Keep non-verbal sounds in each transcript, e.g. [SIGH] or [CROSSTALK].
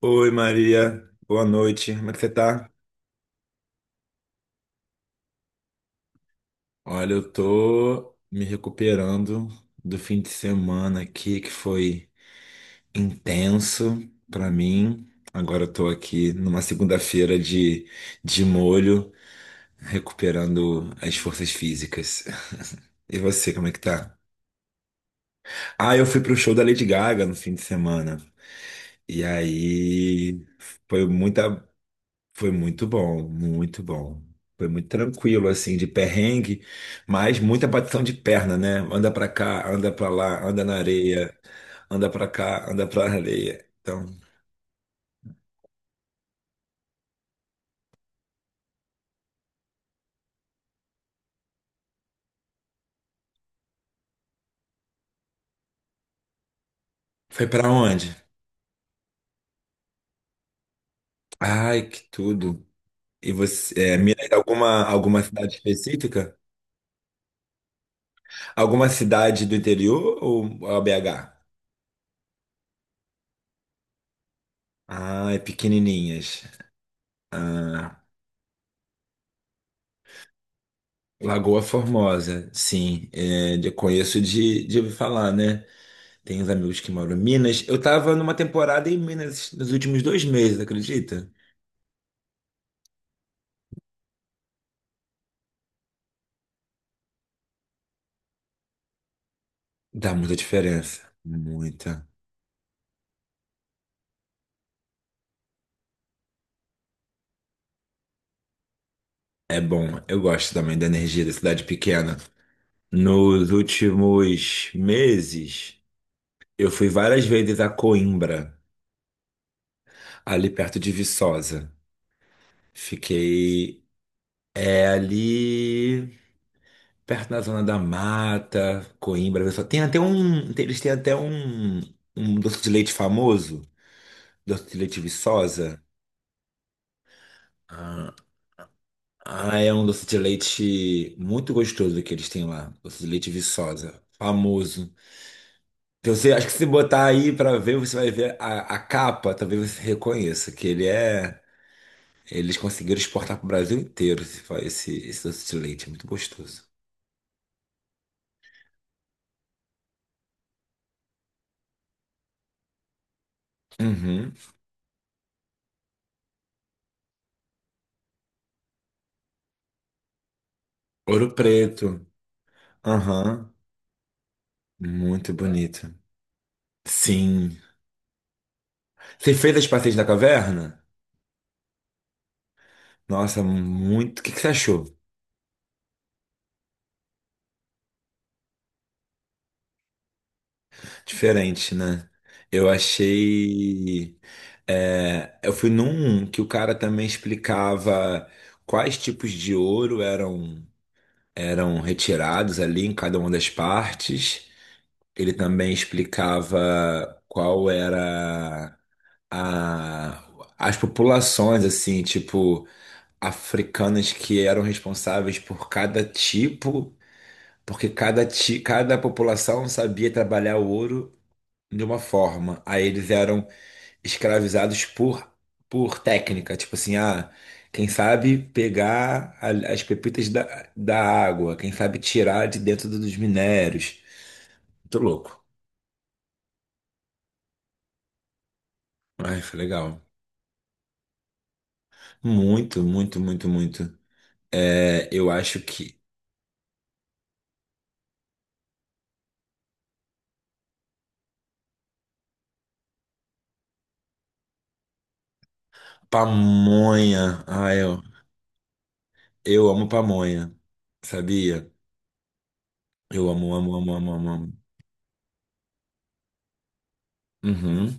Oi Maria, boa noite. Como é que você tá? Olha, eu tô me recuperando do fim de semana aqui que foi intenso pra mim. Agora eu tô aqui numa segunda-feira de molho, recuperando as forças físicas. E você, como é que tá? Ah, eu fui pro show da Lady Gaga no fim de semana. E aí foi muita Foi muito bom, muito bom. Foi muito tranquilo, assim, de perrengue, mas muita batidão de perna, né? Anda pra cá, anda pra lá, anda na areia, anda pra cá, anda pra areia. Então, foi pra onde? Ai, que tudo. E você, é, mira em alguma cidade específica? Alguma cidade do interior ou a BH? Ah, é pequenininhas. Ah, Lagoa Formosa, sim. É, conheço de ouvir falar, né? Tem uns amigos que moram em Minas. Eu tava numa temporada em Minas nos últimos dois meses, acredita? Dá muita diferença. Muita. É bom. Eu gosto também da energia da cidade pequena. Nos últimos meses, eu fui várias vezes a Coimbra, ali perto de Viçosa. Fiquei. É ali perto da Zona da Mata. Coimbra só tem até um, tem- eles têm até um, um doce de leite famoso, doce de leite Viçosa. Ah, ah, é um doce de leite muito gostoso que eles têm lá, doce de leite Viçosa, famoso. Então, você, acho que se botar aí pra ver, você vai ver a capa, talvez você reconheça que ele é, eles conseguiram exportar pro Brasil inteiro esse doce de leite, é muito gostoso. Uhum. Ouro Preto. Aham. Muito bonito. Sim. Você fez as passeios da caverna? Nossa, muito. O que que você achou? Diferente, né? Eu achei. Eu fui num que o cara também explicava quais tipos de ouro eram retirados ali em cada uma das partes. Ele também explicava qual era a... as populações, assim, tipo, africanas que eram responsáveis por cada tipo. Porque cada população sabia trabalhar o ouro de uma forma. Aí eles eram escravizados por técnica. Tipo assim, ah, quem sabe pegar as pepitas da água, quem sabe tirar de dentro dos minérios. Muito louco. Ai, foi legal. Muito, muito, muito, muito. É, eu acho que pamonha. Eu amo pamonha. Sabia? Eu amo, amo, amo, amo, amo, amo. Uhum.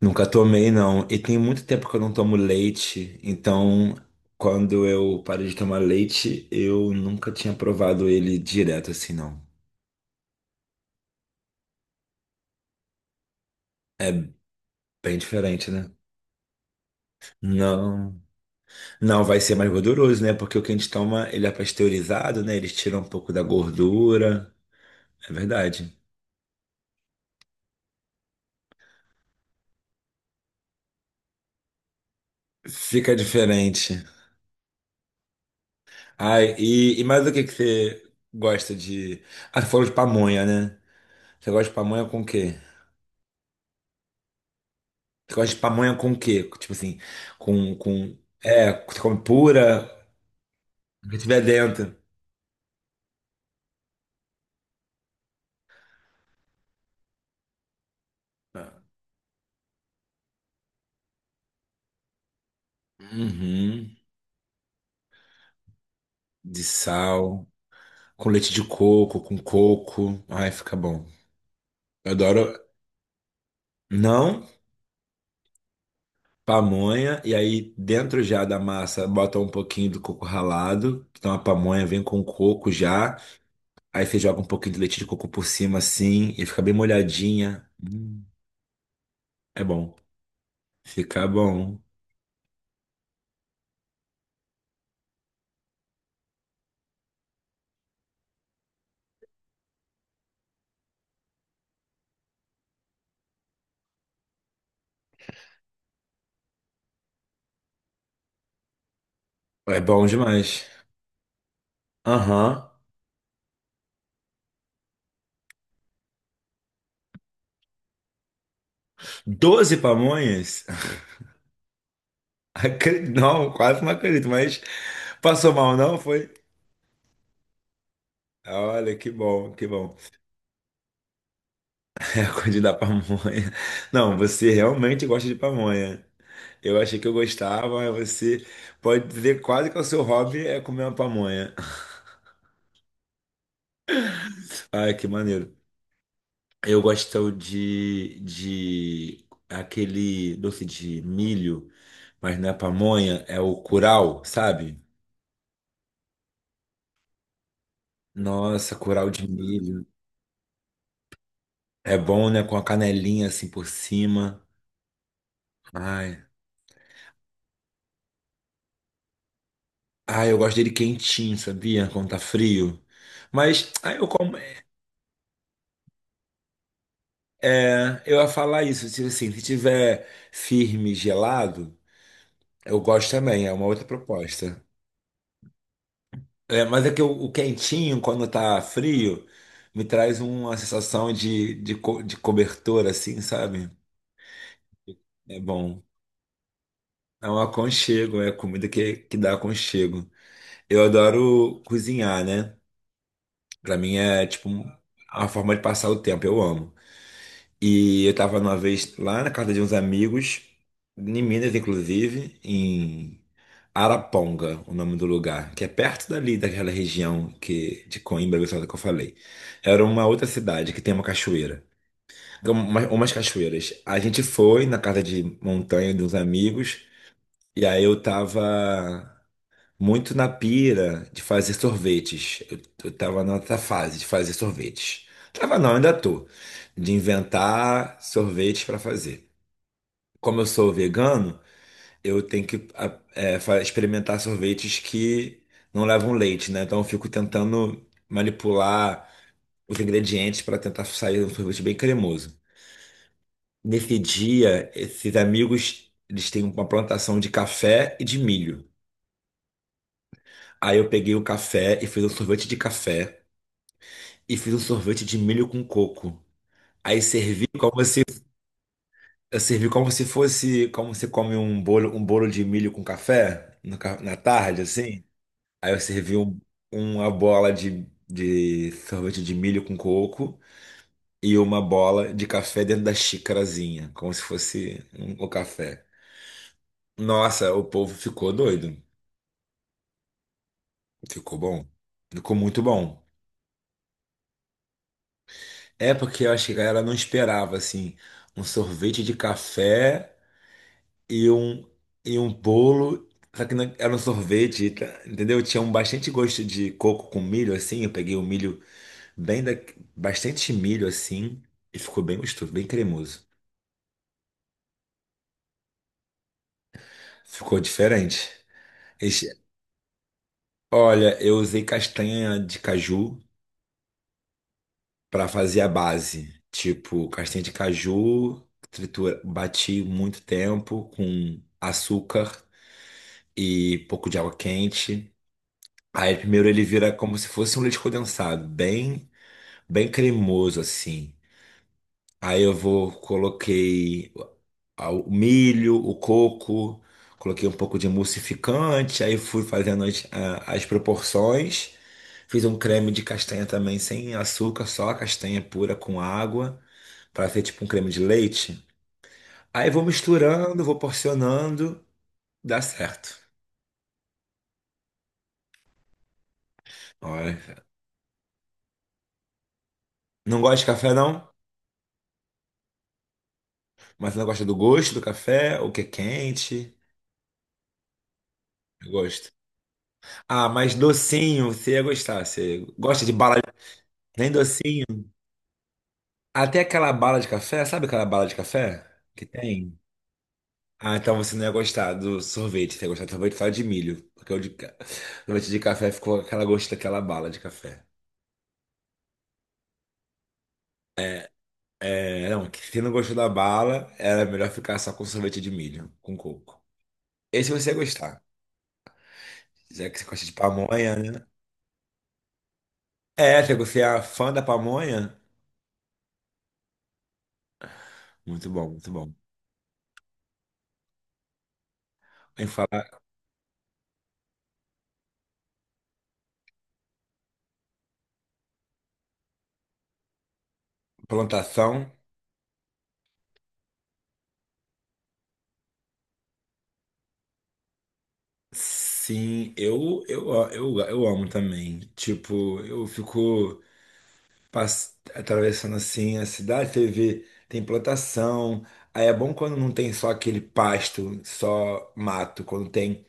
Nunca tomei, não. E tem muito tempo que eu não tomo leite, então quando eu parei de tomar leite, eu nunca tinha provado ele direto assim, não. Bem diferente, né? Não, não vai ser mais gorduroso, né? Porque o que a gente toma, ele é pasteurizado, né? Eles tiram um pouco da gordura. É verdade. Fica diferente. Ai, e mais o que que você gosta de. Ah, você falou de pamonha, né? Você gosta de pamonha com o quê? Você gosta de pamonha com o quê? Tipo assim, com, com... É, você come pura, o que tiver dentro. Uhum. De sal, com leite de coco, com coco. Ai, fica bom. Eu adoro. Não, pamonha, e aí dentro já da massa bota um pouquinho do coco ralado. Então a pamonha vem com coco já. Aí você joga um pouquinho de leite de coco por cima assim, e fica bem molhadinha. É bom. Fica bom. É bom demais. Aham. Doze pamonhas? [LAUGHS] Não, quase não acredito, mas passou mal, não? Foi? Olha, que bom, que bom. [LAUGHS] É a coisa da pamonha. Não, você realmente gosta de pamonha. Eu achei que eu gostava, mas você pode dizer quase que é o seu hobby é comer uma pamonha. [LAUGHS] Ai, que maneiro. Eu gosto de aquele doce de milho, mas não é pamonha, é o curau, sabe? Nossa, curau de milho. É bom, né? Com a canelinha assim por cima. Ai. Ai, eu gosto dele quentinho, sabia? Quando tá frio. Mas ai, eu como. É, eu ia falar isso. Tipo assim, se tiver firme, gelado, eu gosto também. É uma outra proposta. É, mas é que o quentinho, quando tá frio, me traz uma sensação de cobertor, assim, sabe? É bom. É um aconchego, é comida que dá aconchego. Eu adoro cozinhar, né? Pra mim é tipo a forma de passar o tempo, eu amo. E eu tava uma vez lá na casa de uns amigos, em Minas, inclusive, em Araponga, o nome do lugar, que é perto dali, daquela região de Coimbra, Viçosa, que eu falei. Era uma outra cidade que tem uma cachoeira. Então, umas cachoeiras. A gente foi na casa de montanha de uns amigos, e aí eu tava muito na pira de fazer sorvetes. Eu tava nessa fase de fazer sorvetes. Tava não, ainda tô. De inventar sorvetes para fazer. Como eu sou vegano, eu tenho que experimentar sorvetes que não levam leite, né? Então eu fico tentando manipular os ingredientes para tentar sair um sorvete bem cremoso. Nesse dia, esses amigos, eles têm uma plantação de café e de milho. Aí eu peguei o café e fiz um sorvete de café e fiz um sorvete de milho com coco. Aí servi como se, eu servi como se fosse, como se come um bolo de milho com café no ca- na tarde, assim. Aí eu servi uma bola de sorvete de milho com coco e uma bola de café dentro da xicarazinha, como se fosse o café. Nossa, o povo ficou doido. Ficou bom. Ficou muito bom. É porque eu acho que a galera não esperava, assim, um sorvete de café e um, e um bolo, só que era um sorvete, tá? Entendeu? Tinha um bastante gosto de coco com milho, assim. Eu peguei o milho bem da... bastante milho, assim, e ficou bem gostoso, bem cremoso. Ficou diferente. Esse- Olha, eu usei castanha de caju para fazer a base. Tipo, castanha de caju, tritura, bati muito tempo com açúcar e pouco de água quente. Aí primeiro ele vira como se fosse um leite condensado, bem cremoso assim. Coloquei o milho, o coco, coloquei um pouco de emulsificante, aí fui fazendo as proporções. Fiz um creme de castanha também, sem açúcar, só a castanha pura com água, para ser tipo um creme de leite. Aí vou misturando, vou porcionando, dá certo. Olha, não gosto de café não, mas não gosta do gosto do café, o que é quente. Eu gosto. Ah, mas docinho, você ia gostar. Você gosta de bala, nem docinho. Até aquela bala de café, sabe aquela bala de café que tem? Ah, então você não ia gostar do sorvete. Você ia gostar do sorvete só de milho. Porque o [LAUGHS] sorvete de café ficou aquela gosto daquela bala de café. É, não, que se não gostou da bala, era melhor ficar só com sorvete de milho, com coco. Esse você ia gostar. Já que você gosta de pamonha, né? É, se você é fã da pamonha, muito bom, muito bom. Em falar plantação. Sim, eu amo também. Tipo, eu fico atravessando assim a cidade, você vê, tem plantação. Aí é bom quando não tem só aquele pasto, só mato, quando tem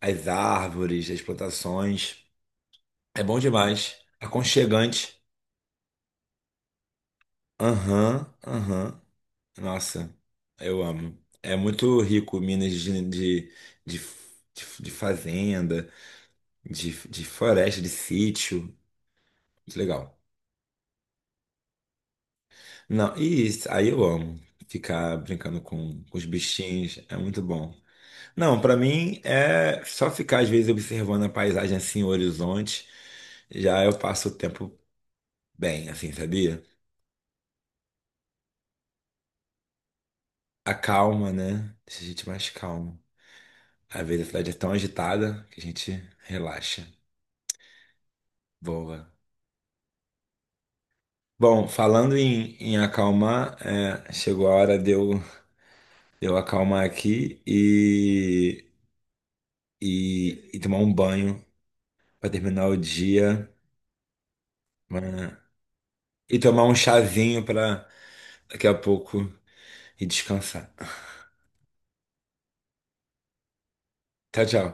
as árvores, as plantações. É bom demais. Aconchegante. Aham, aham. Nossa, eu amo. É muito rico, Minas de, de fazenda, de floresta, de sítio. Muito legal. Não, e isso, aí eu amo. Ficar brincando com os bichinhos é muito bom. Não, pra mim é só ficar às vezes observando a paisagem assim, o horizonte, já eu passo o tempo bem, assim, sabia? A calma, né? Deixa a gente mais calmo. Às vezes a cidade é tão agitada que a gente relaxa, boa. Bom, falando em acalmar, é, chegou a hora de eu acalmar aqui e tomar um banho para terminar o dia. Mas... E tomar um chazinho pra daqui a pouco e descansar. Tchau, tchau.